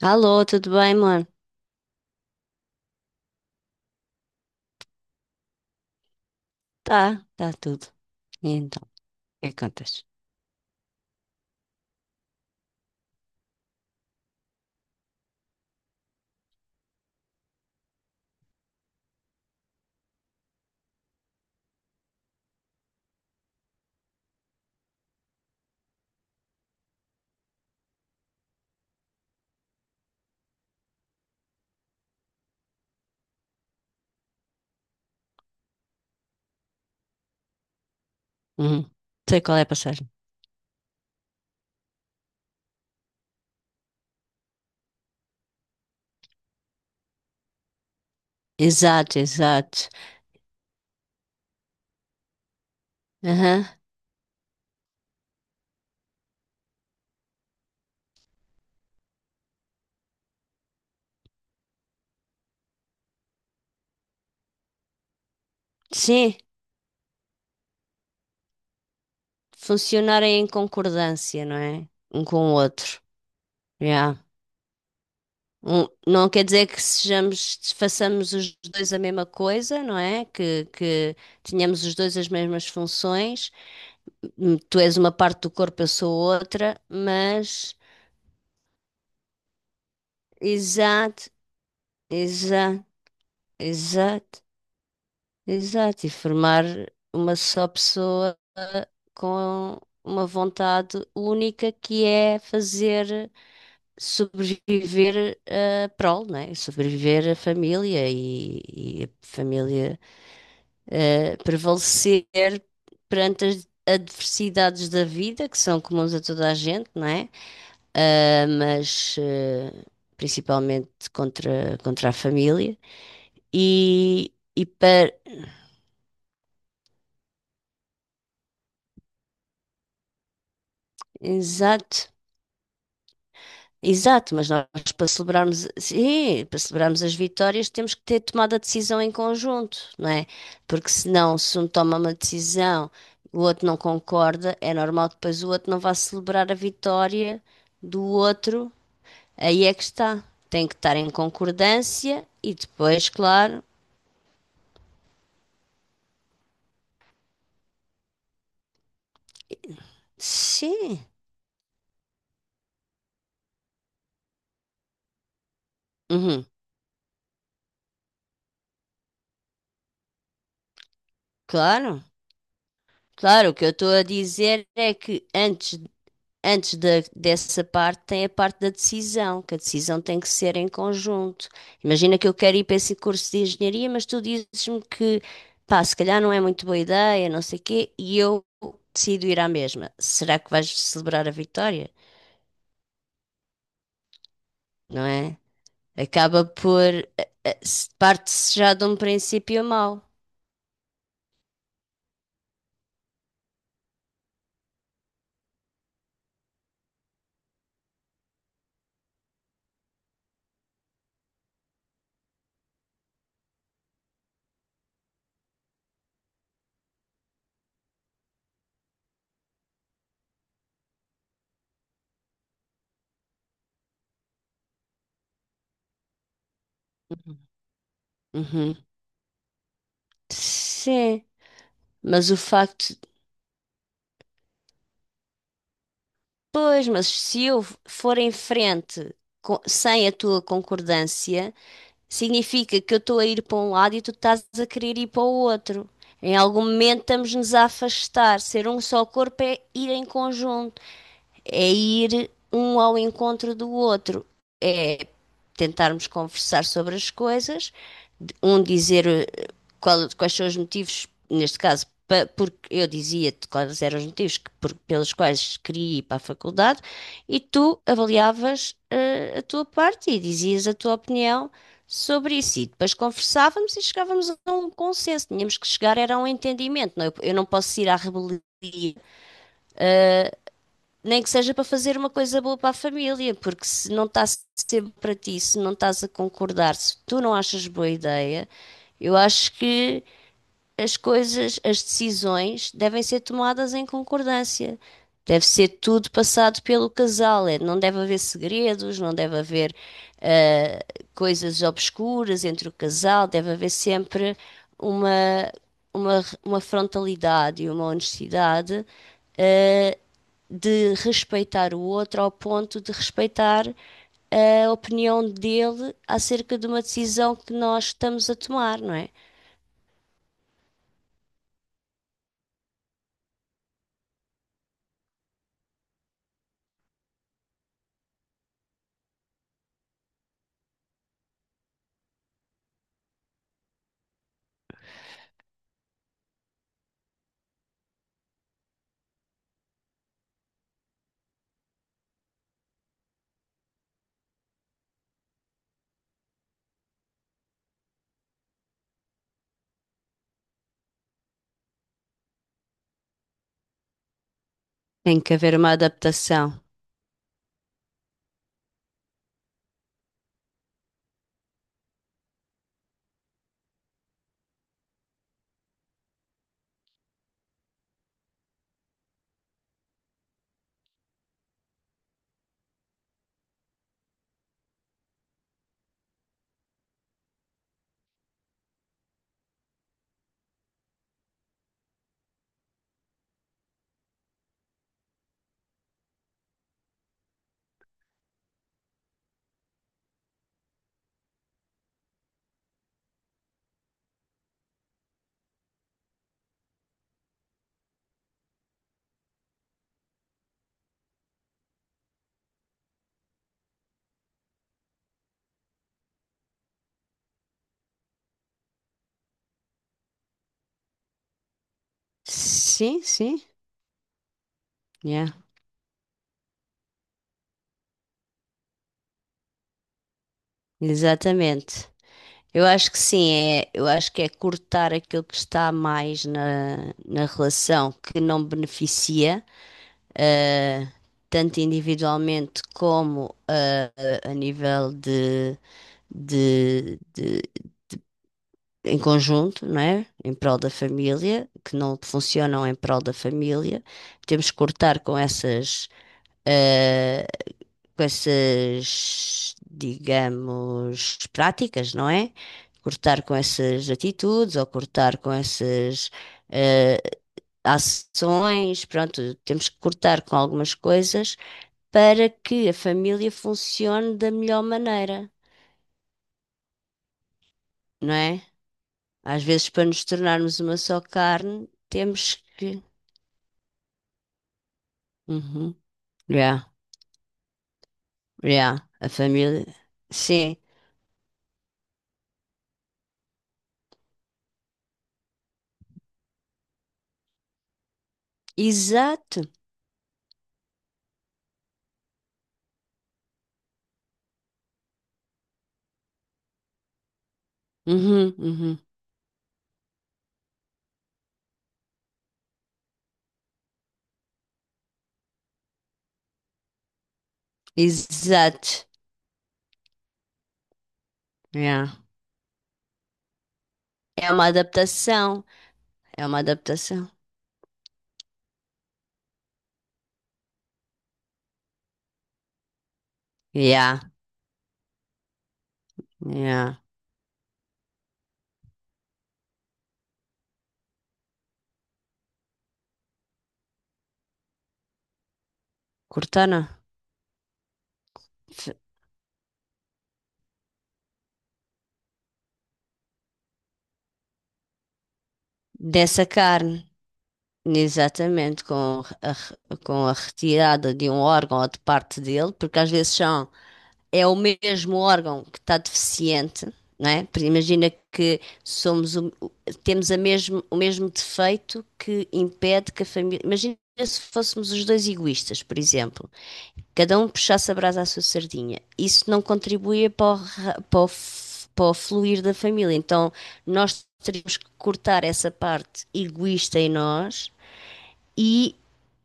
Alô, tudo bem, amor? Tá, tá tudo. E então, o que é que contas? Uhum. Sei qual é a passagem. Exato, exato. Aham. Sim, funcionarem em concordância, não é? Um com o outro. Yeah. Não quer dizer que sejamos, façamos os dois a mesma coisa, não é? Que tenhamos os dois as mesmas funções. Tu és uma parte do corpo, eu sou outra, mas. Exato, exato, exato. Exato, e formar uma só pessoa com uma vontade única que é fazer sobreviver a prole, né? Sobreviver a família e a família prevalecer perante as adversidades da vida, que são comuns a toda a gente, não é? Ah, mas principalmente contra a família. E para. Exato, exato, mas nós para celebrarmos, sim, para celebrarmos as vitórias temos que ter tomado a decisão em conjunto, não é? Porque senão, se um toma uma decisão, o outro não concorda, é normal que depois o outro não vá celebrar a vitória do outro. Aí é que está. Tem que estar em concordância e depois, claro, sim, uhum, claro, claro. O que eu estou a dizer é que antes dessa parte, tem a parte da decisão, que a decisão tem que ser em conjunto. Imagina que eu quero ir para esse curso de engenharia, mas tu dizes-me que, pá, se calhar não é muito boa ideia, não sei quê, e eu decido ir à mesma. Será que vais celebrar a vitória? Não é? Acaba por. Parte-se já de um princípio mau. Uhum. Sim, mas o facto pois, mas se eu for em frente sem a tua concordância, significa que eu estou a ir para um lado e tu estás a querer ir para o outro. Em algum momento estamos-nos a afastar. Ser um só corpo é ir em conjunto, é ir um ao encontro do outro, é tentarmos conversar sobre as coisas, um dizer quais são os motivos, neste caso, porque eu dizia-te quais eram os motivos pelos quais queria ir para a faculdade, e tu avaliavas a tua parte e dizias a tua opinião sobre isso. E depois conversávamos e chegávamos a um consenso. Tínhamos que chegar era a um entendimento. Não, eu não posso ir à rebeldia nem que seja para fazer uma coisa boa para a família, porque se não está sempre para ti, se não estás a concordar, se tu não achas boa ideia, eu acho que as decisões devem ser tomadas em concordância. Deve ser tudo passado pelo casal. Não deve haver segredos, não deve haver eh, coisas obscuras entre o casal, deve haver sempre uma, uma frontalidade e uma honestidade de respeitar o outro ao ponto de respeitar a opinião dele acerca de uma decisão que nós estamos a tomar, não é? Tem que haver uma adaptação. Sim, sim, yeah, exatamente. Eu acho que sim, é, eu acho que é cortar aquilo que está mais na relação que não beneficia, eh, tanto individualmente como a nível de em conjunto, não é? Em prol da família, que não funcionam em prol da família. Temos que cortar com essas, eh, digamos, práticas, não é? Cortar com essas atitudes ou cortar com essas, eh, ações, pronto, temos que cortar com algumas coisas para que a família funcione da melhor maneira, não é? Às vezes, para nos tornarmos uma só carne, temos que. Uhum. Yeah, yeah. A família. Sim. Exato. Uhum, uhum. Exato. Yeah. É uma adaptação. É uma adaptação. Yeah, yeah. Cortana. F- Dessa carne. Exatamente. Com a retirada de um órgão ou de parte dele, porque às vezes são. É o mesmo órgão que está deficiente, não é? Imagina que somos temos o mesmo defeito que impede que a família. Imagina se fôssemos os dois egoístas, por exemplo, cada um puxasse a brasa à sua sardinha. Isso não contribuía para o, para o fluir da família. Então nós teríamos que cortar essa parte egoísta em nós e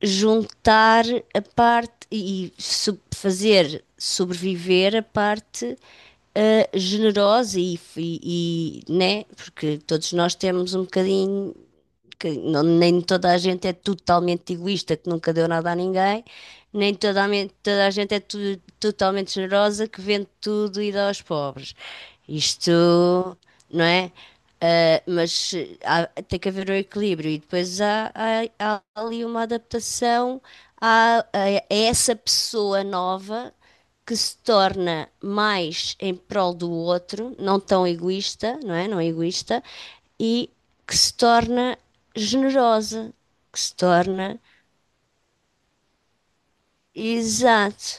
juntar a parte e fazer sobreviver a parte generosa e, né? Porque todos nós temos um bocadinho que não- nem toda a gente é totalmente egoísta, que nunca deu nada a ninguém, nem toda a gente é totalmente generosa, que vende tudo e dá aos pobres. Isto, não é? Ah, mas tem que haver um equilíbrio e depois há ali uma adaptação a essa pessoa nova que se torna mais em prol do outro, não tão egoísta, não é? Não é egoísta, e que se torna generosa, que se torna exato.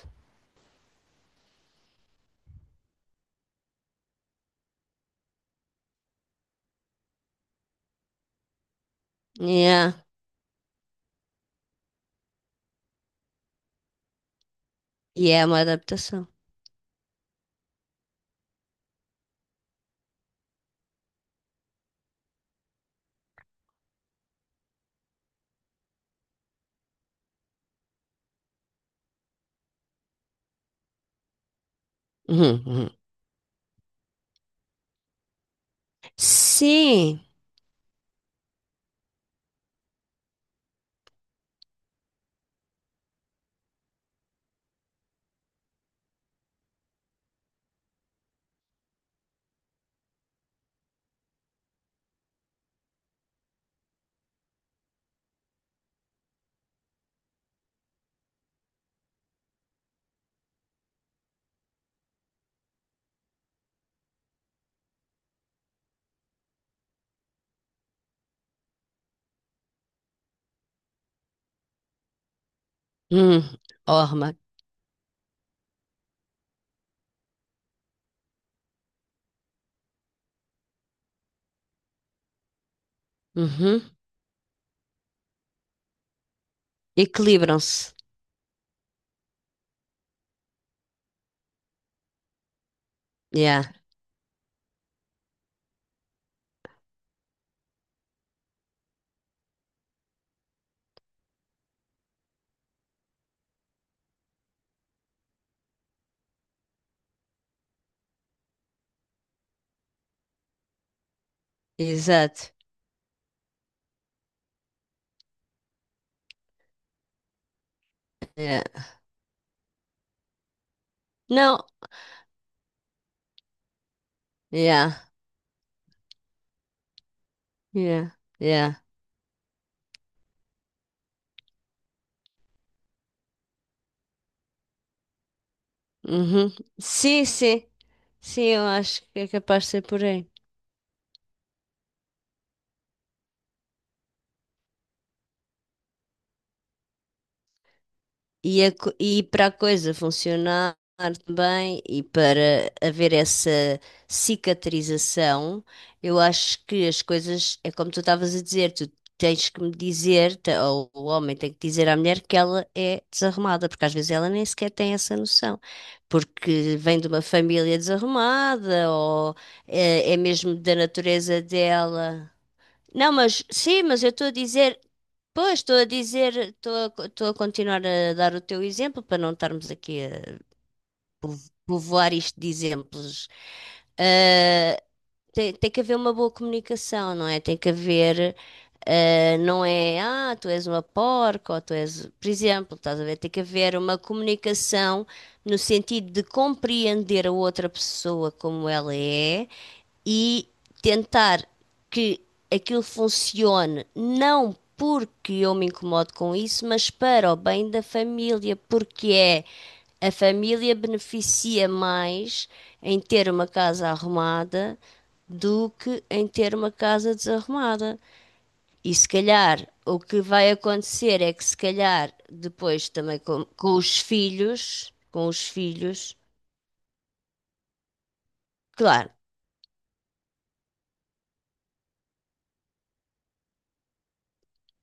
Yeah. E é uma adaptação. Uhum, uhum. Sim. Uhum. Orma. Uhum. Equilibram-se. Yeah. Exato. Yeah. Não. Yeah. Yeah. Yeah. Uhum. Sim, sim. Sim, eu acho que é capaz de ser por aí. E para a coisa funcionar bem e para haver essa cicatrização, eu acho que é como tu estavas a dizer, tu tens que me dizer, ou o homem tem que dizer à mulher que ela é desarrumada, porque às vezes ela nem sequer tem essa noção, porque vem de uma família desarrumada, ou é mesmo da natureza dela. Não, mas sim, mas eu estou a dizer, pois, estou a dizer, estou a continuar a dar o teu exemplo para não estarmos aqui a povoar isto de exemplos. Ah, tem que haver uma boa comunicação, não é? Tem que haver, ah, não é, ah, tu és uma porca, ou tu és, por exemplo, estás a ver? Tem que haver uma comunicação no sentido de compreender a outra pessoa como ela é e tentar que aquilo funcione não porque eu me incomodo com isso, mas para o bem da família, porque a família beneficia mais em ter uma casa arrumada do que em ter uma casa desarrumada. E se calhar o que vai acontecer é que se calhar depois também com os filhos, com os filhos, claro.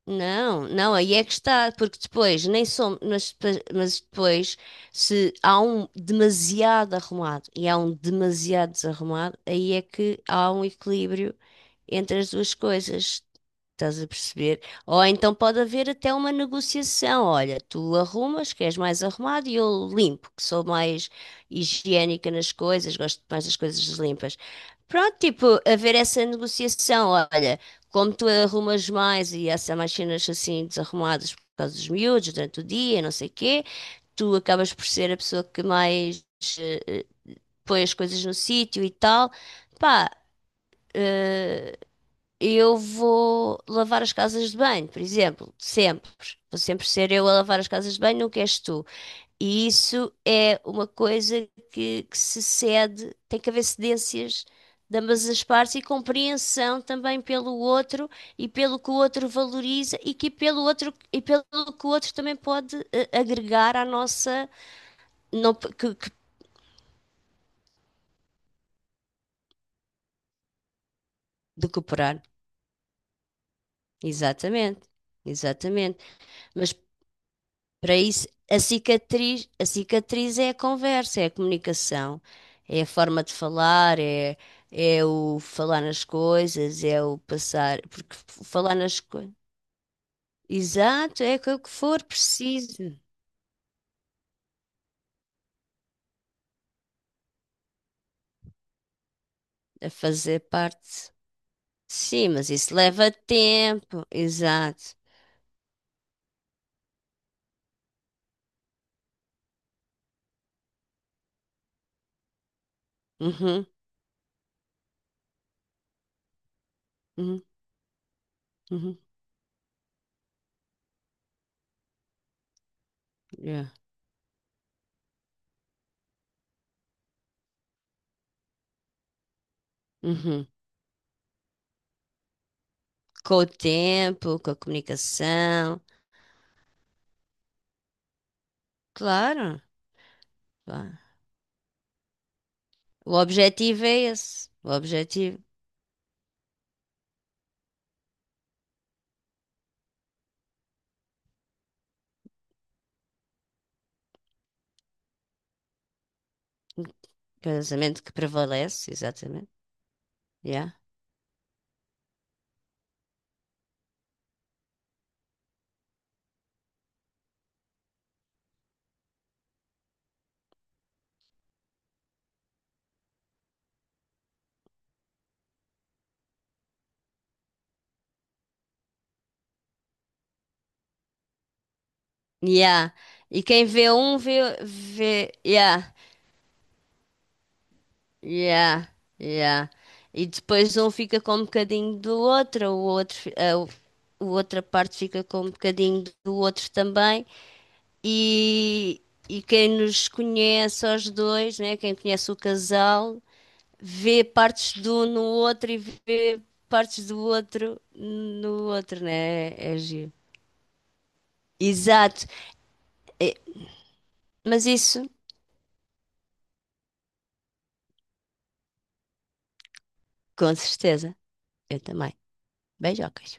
Não, não, aí é que está, porque depois nem somos, mas, depois, se há um demasiado arrumado e há um demasiado desarrumado, aí é que há um equilíbrio entre as duas coisas. Estás a perceber? Ou então pode haver até uma negociação. Olha, tu arrumas, que és mais arrumado, e eu limpo, que sou mais higiênica nas coisas, gosto mais das coisas limpas. Pronto, tipo, haver essa negociação. Olha como tu arrumas mais e há mais cenas assim desarrumadas por causa dos miúdos durante o dia, não sei o quê, tu acabas por ser a pessoa que mais eh, põe as coisas no sítio e tal. Pá, eu vou lavar as casas de banho, por exemplo, sempre. Vou sempre ser eu a lavar as casas de banho, nunca és tu. E isso é uma coisa que se cede, tem que haver cedências de ambas as partes e compreensão também pelo outro e pelo que o outro valoriza e que pelo outro e pelo que o outro também pode agregar à nossa não, de cooperar. Exatamente, exatamente. Mas. Para isso, a cicatriz é a conversa, é a comunicação, é a forma de falar, é o falar nas coisas, é o passar, porque falar nas coisas. Exato, é que o que for preciso a fazer parte. Sim, mas isso leva tempo. Exato. Uhum, uhum, uhum, yeah, uhum. Com o tempo, com a comunicação. Claro. Vá. O objetivo é esse. O objetivo. Casamento que prevalece, exatamente. Yeah. Yeah. E quem vê um vê, vê. Yeah. Yeah. Yeah. E depois um fica com um bocadinho do outro, o outro, a outra parte fica com um bocadinho do outro também. E, e quem nos conhece aos dois, né? Quem conhece o casal, vê partes de um no outro e vê partes do outro no outro, né? É giro. Exato. Mas isso, com certeza, eu também. Beijocas.